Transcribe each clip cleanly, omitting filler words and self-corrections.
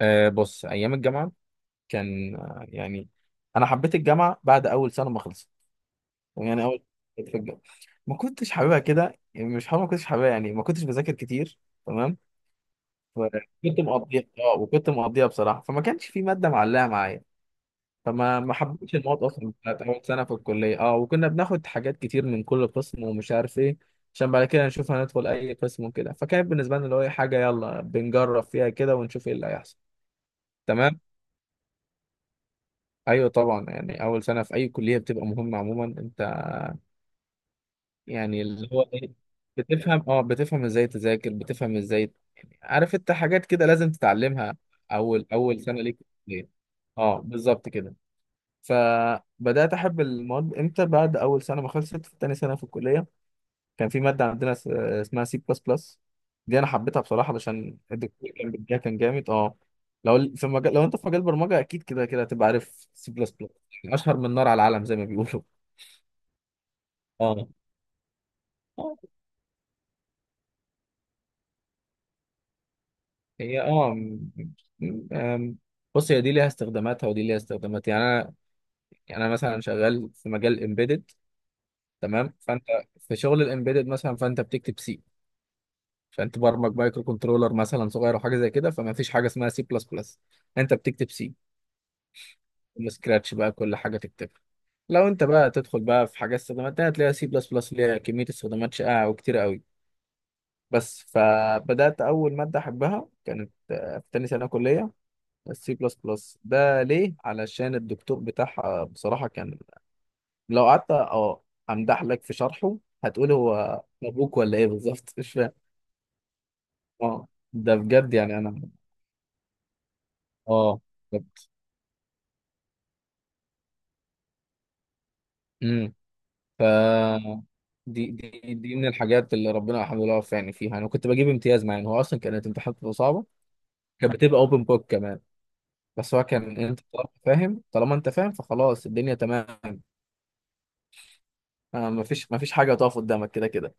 بص ايام الجامعه كان انا حبيت الجامعه بعد اول سنه ما خلصت. يعني اول في الجامعه ما كنتش حاببها كده، يعني مش حابب، ما كنتش حاببها يعني ما كنتش بذاكر كتير. تمام. كنت مقضيها، وكنت مقضيها بصراحه، فما كانش في ماده معلقه معايا. فما ما حبيتش المواد اصلا بتاعت اول سنه في الكليه، وكنا بناخد حاجات كتير من كل قسم ومش عارف ايه، عشان بعد كده نشوف هندخل اي قسم وكده. فكانت بالنسبه لنا اللي هو حاجه يلا بنجرب فيها كده ونشوف ايه اللي هيحصل. تمام. ايوه طبعا، يعني اول سنه في اي كليه بتبقى مهمه عموما. انت يعني اللي هو ايه، بتفهم، بتفهم ازاي تذاكر، بتفهم ازاي، يعني عارف انت حاجات كده لازم تتعلمها، اول سنه ليك في الكلية. اه بالظبط كده. فبدات احب المواد امتى؟ بعد اول سنه ما خلصت، في تاني سنه في الكليه كان في ماده عندنا اسمها سي بلس بلس. دي انا حبيتها بصراحه علشان الدكتور كان بيديها، كان جامد. اه لو في مجال، لو انت في مجال برمجه اكيد كده كده هتبقى عارف سي بلس بلس، اشهر من نار على العالم زي ما بيقولوا. اه آه، هي م- م- آم، بص، هي دي ليها استخداماتها ودي ليها استخدامات. يعني انا، يعني انا مثلا شغال في مجال امبيدد، تمام؟ فانت في شغل الامبيدد مثلا فانت بتكتب سي. فانت برمج مايكرو كنترولر مثلا صغير او حاجه زي كده، فما فيش حاجه اسمها سي بلس بلس، انت بتكتب سي سكراتش بقى كل حاجه تكتبها. لو انت بقى تدخل بقى في حاجات استخدامات تانية تلاقي سي بلس بلس ليها كميه استخدامات شائعه وكتير قوي. بس. فبدات اول ماده احبها كانت في تاني سنه كليه السي بلس بلس ده. ليه؟ علشان الدكتور بتاعها بصراحة كان، لو قعدت امدح لك في شرحه هتقول هو ابوك ولا ايه بالظبط مش فاهم. اه ده بجد، يعني انا، اه بجد. امم ف دي دي من الحاجات اللي ربنا الحمد لله وفقني فيها، انا كنت بجيب امتياز مع ان هو اصلا كانت امتحاناته صعبه. كانت بتبقى اوبن بوك كمان، بس هو كان انت طالما فاهم، طالما انت فاهم فخلاص الدنيا تمام. ما فيش حاجه تقف قدامك كده كده.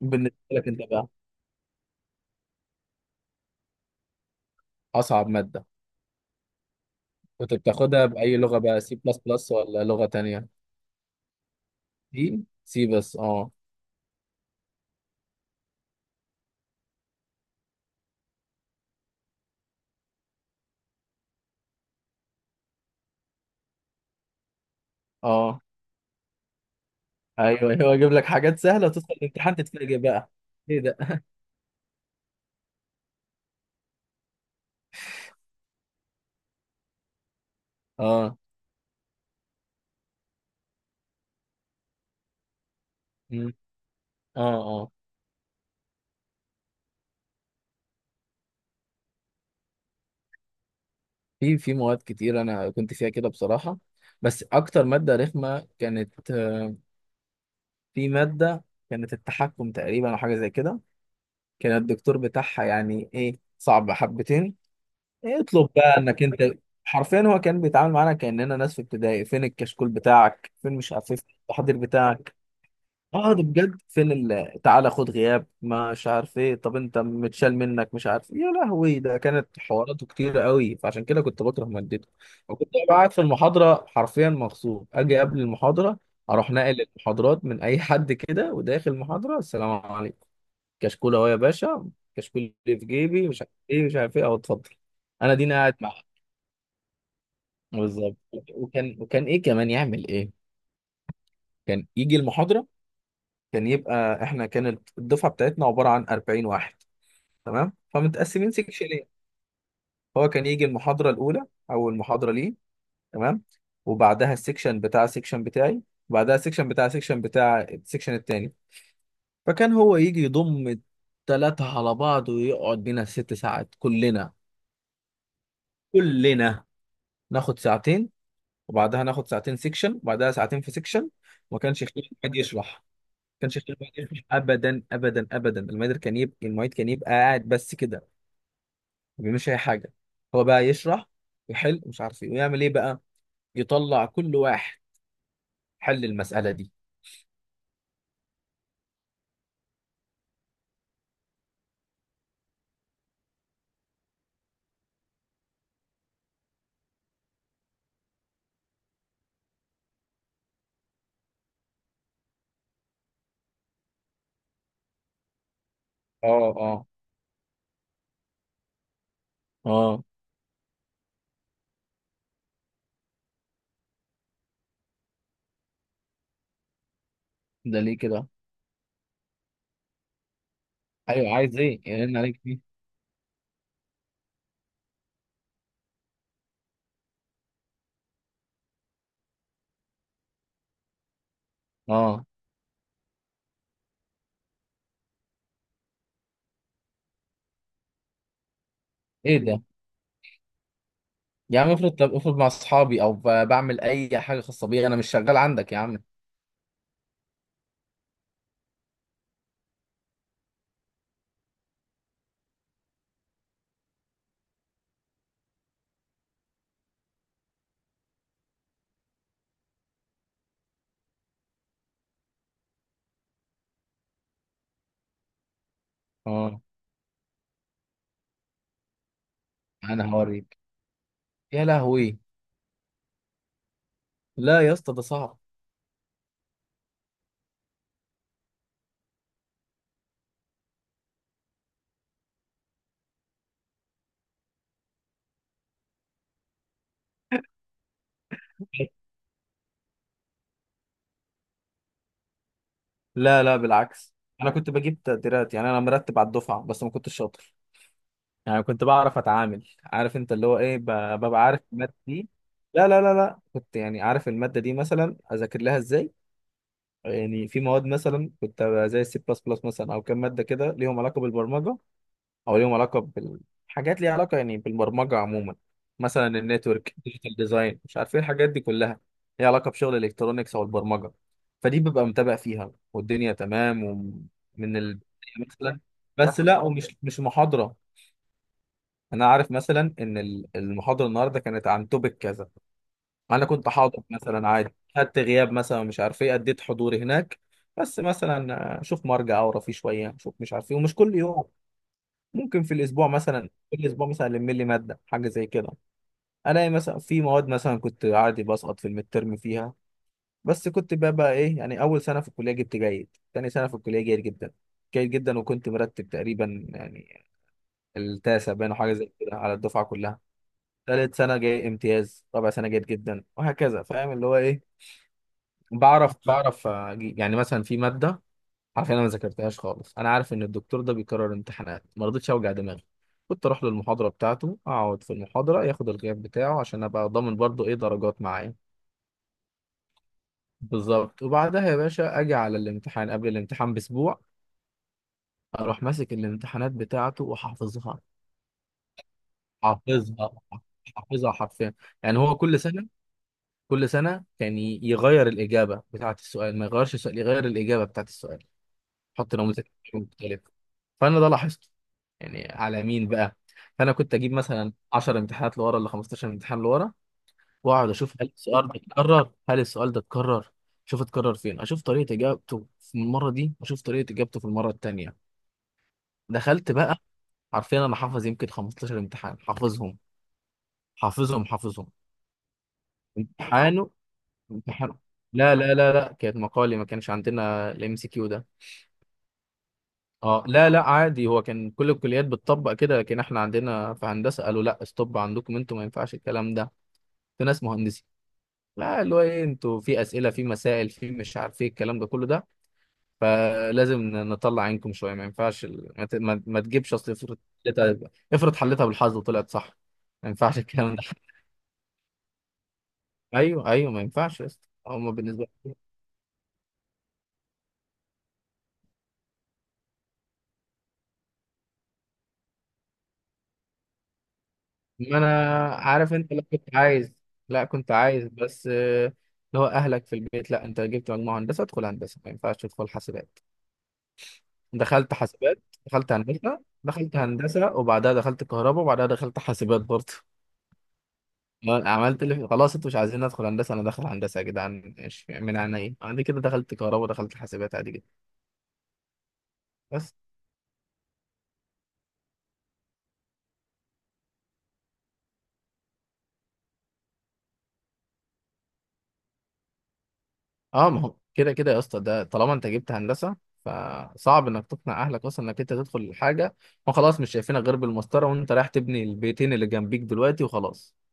بالنسبه لك انت بقى، اصعب ماده كنت بتاخدها بأي لغة بقى؟ سي بلس بلس ولا لغة تانية؟ سي، سي بس. اه. اه ايوه، هو يجيب لك حاجات سهلة وتدخل الامتحان تتفاجئ بقى، ايه ده؟ اه. مم. اه. اه في مواد كتير انا كنت فيها كده بصراحة. بس اكتر مادة رخمة كانت في مادة كانت التحكم تقريبا او حاجة زي كده. كان الدكتور بتاعها يعني ايه، صعب حبتين، اطلب بقى انك انت، حرفيا هو كان بيتعامل معانا كأننا ناس في ابتدائي. فين الكشكول بتاعك؟ فين مش عارف إيه؟ التحضير بتاعك. اه ده بجد. فين ال... تعالى خد غياب مش عارف ايه. طب انت متشال منك مش عارف إيه. يا لهوي، ده كانت حواراته كتير قوي، فعشان كده كنت بكره مادته. وكنت قاعد في المحاضره حرفيا مغصوب، اجي قبل المحاضره اروح ناقل المحاضرات من اي حد كده، وداخل المحاضره السلام عليكم، كشكول اهو يا باشا، كشكول اللي في جيبي مش عارف ايه مش عارف ايه اهو اتفضل. انا دينا قاعد معاه. بالظبط. وكان ايه كمان يعمل ايه، كان يجي المحاضره، كان يبقى احنا كانت الدفعه بتاعتنا عباره عن 40 واحد، تمام؟ فمتقسمين سيكشنين، هو كان يجي المحاضره الاولى، اول محاضره ليه، تمام؟ وبعدها السيكشن بتاع بتاعي، وبعدها السيكشن بتاع السيكشن التاني. فكان هو يجي يضم التلاتة على بعض ويقعد بينا ست ساعات. كلنا كلنا ناخد ساعتين، وبعدها ناخد ساعتين سيكشن، وبعدها ساعتين في سيكشن. وما كانش يخلي حد يشرح ما كانش يخلي حد يشرح ابدا ابدا ابدا. المعيد كان يبقى قاعد بس كده، ما بيعملوش اي حاجه. هو بقى يشرح ويحل ومش عارف ايه ويعمل ايه بقى، يطلع كل واحد، حل المساله دي. اه. اه. اه ده ليه كده؟ ايوه عايز ايه يرن عليك فيه؟ اه ايه ده؟ يا عم افرض، طب افرض مع اصحابي او بعمل اي حاجه خاصه بيا، انا مش شغال عندك يا عم. اه انا هوريك. يا لهوي. لا يا اسطى ده صعب. لا لا بالعكس، انا كنت بجيب تقديرات، يعني انا مرتب على الدفعه، بس ما كنتش شاطر. يعني كنت بعرف اتعامل، عارف انت اللي هو ايه، ببقى عارف الماده دي. لا لا لا لا، كنت يعني عارف الماده دي مثلا اذاكر لها ازاي. يعني في مواد مثلا كنت أبقى زي السي بلس بلس مثلا، او كام ماده كده ليهم علاقه بالبرمجه او ليهم علاقه بالحاجات ليها علاقه يعني بالبرمجه عموما، مثلا النتورك، ديجيتال ديزاين، مش عارف ايه الحاجات دي كلها، ليها علاقه بشغل الالكترونيكس او البرمجه. فدي ببقى متابع فيها والدنيا تمام، ومن ال... مثلا. بس لا، ومش مش محاضره. انا عارف مثلا ان المحاضره النهارده كانت عن توبيك كذا. انا كنت حاضر مثلا عادي، خدت غياب مثلا مش عارف ايه، اديت حضوري هناك. بس مثلا اشوف مرجع اقرا فيه شويه، اشوف مش عارف ايه، ومش كل يوم، ممكن في الاسبوع مثلا، كل اسبوع مثلا الم لي ماده حاجه زي كده. الاقي مثلا في مواد مثلا كنت عادي بسقط في الميد ترم فيها، بس كنت بقى ايه، يعني اول سنه في الكليه جبت جيد، تاني سنه في الكليه جيد جدا، جيد جدا، وكنت مرتب تقريبا يعني التاسع باين أو حاجه زي كده على الدفعه كلها. تالت سنة جاي امتياز، رابع سنة جيد جدا، وهكذا. فاهم اللي هو ايه، بعرف اجيب. يعني مثلا في مادة عارف انا ما ذاكرتهاش خالص، انا عارف ان الدكتور ده بيكرر امتحانات، ما رضيتش اوجع دماغي. كنت اروح للمحاضرة بتاعته، اقعد في المحاضرة ياخد الغياب بتاعه عشان ابقى ضامن برضو ايه درجات معايا. بالظبط. وبعدها يا باشا اجي على الامتحان قبل الامتحان باسبوع، اروح ماسك الامتحانات بتاعته وحافظها. حافظها، حافظها حرفيا. يعني هو كل سنة، كل سنة كان يغير الإجابة بتاعة السؤال، ما يغيرش السؤال، يغير الإجابة بتاعة السؤال، يحط نموذج مختلف. فأنا ده لاحظته، يعني على مين بقى؟ فأنا كنت أجيب مثلا 10 امتحانات لورا ولا 15 امتحان لورا، وأقعد أشوف هل السؤال ده اتكرر، هل السؤال ده اتكرر، شوف اتكرر فين، أشوف طريقة إجابته في المرة دي وأشوف طريقة إجابته في المرة التانية. دخلت بقى، عارفين أنا حافظ يمكن 15 امتحان، حافظهم، حافظهم، حافظهم. امتحان. امتحان. لا لا لا لا كانت مقالي، ما كانش عندنا الام سي كيو ده. اه لا لا عادي، هو كان كل الكليات بتطبق كده، لكن احنا عندنا في هندسه قالوا لا ستوب، عندكم انتوا ما ينفعش الكلام ده، في ناس مهندسين، لا اللي هو ايه انتوا في اسئله، في مسائل، في مش عارف ايه الكلام ده كله ده، فلازم نطلع عينكم شويه. ما ينفعش ال- ما, ت... ما... ما تجيبش اصل، افرض حلتها، افرض حلتها بالحظ وطلعت صح، ما ينفعش الكلام ده ايوه ايوه ما ينفعش يا اسطى، هما بالنسبه، ما انا عارف انت. لا كنت عايز بس اللي هو اهلك في البيت، لا انت جبت مجموعه هندسه ادخل هندسه، ما ينفعش تدخل حاسبات. دخلت حاسبات، دخلت هندسه، دخلت هندسه وبعدها دخلت كهرباء وبعدها دخلت حاسبات برضه. ما أنا عملت اللي خلاص انتوا مش عايزين ادخل هندسه، انا داخل هندسه. يا جدعان ماشي، من عنا ايه عندي كده، دخلت كهرباء دخلت حاسبات عادي جدا. بس. اه ما هو كده كده يا اسطى، ده طالما انت جبت هندسه فصعب انك تقنع اهلك اصلا انك انت تدخل الحاجه. ما خلاص، مش شايفينك غير بالمسطره وانت رايح تبني البيتين اللي جنبيك دلوقتي وخلاص.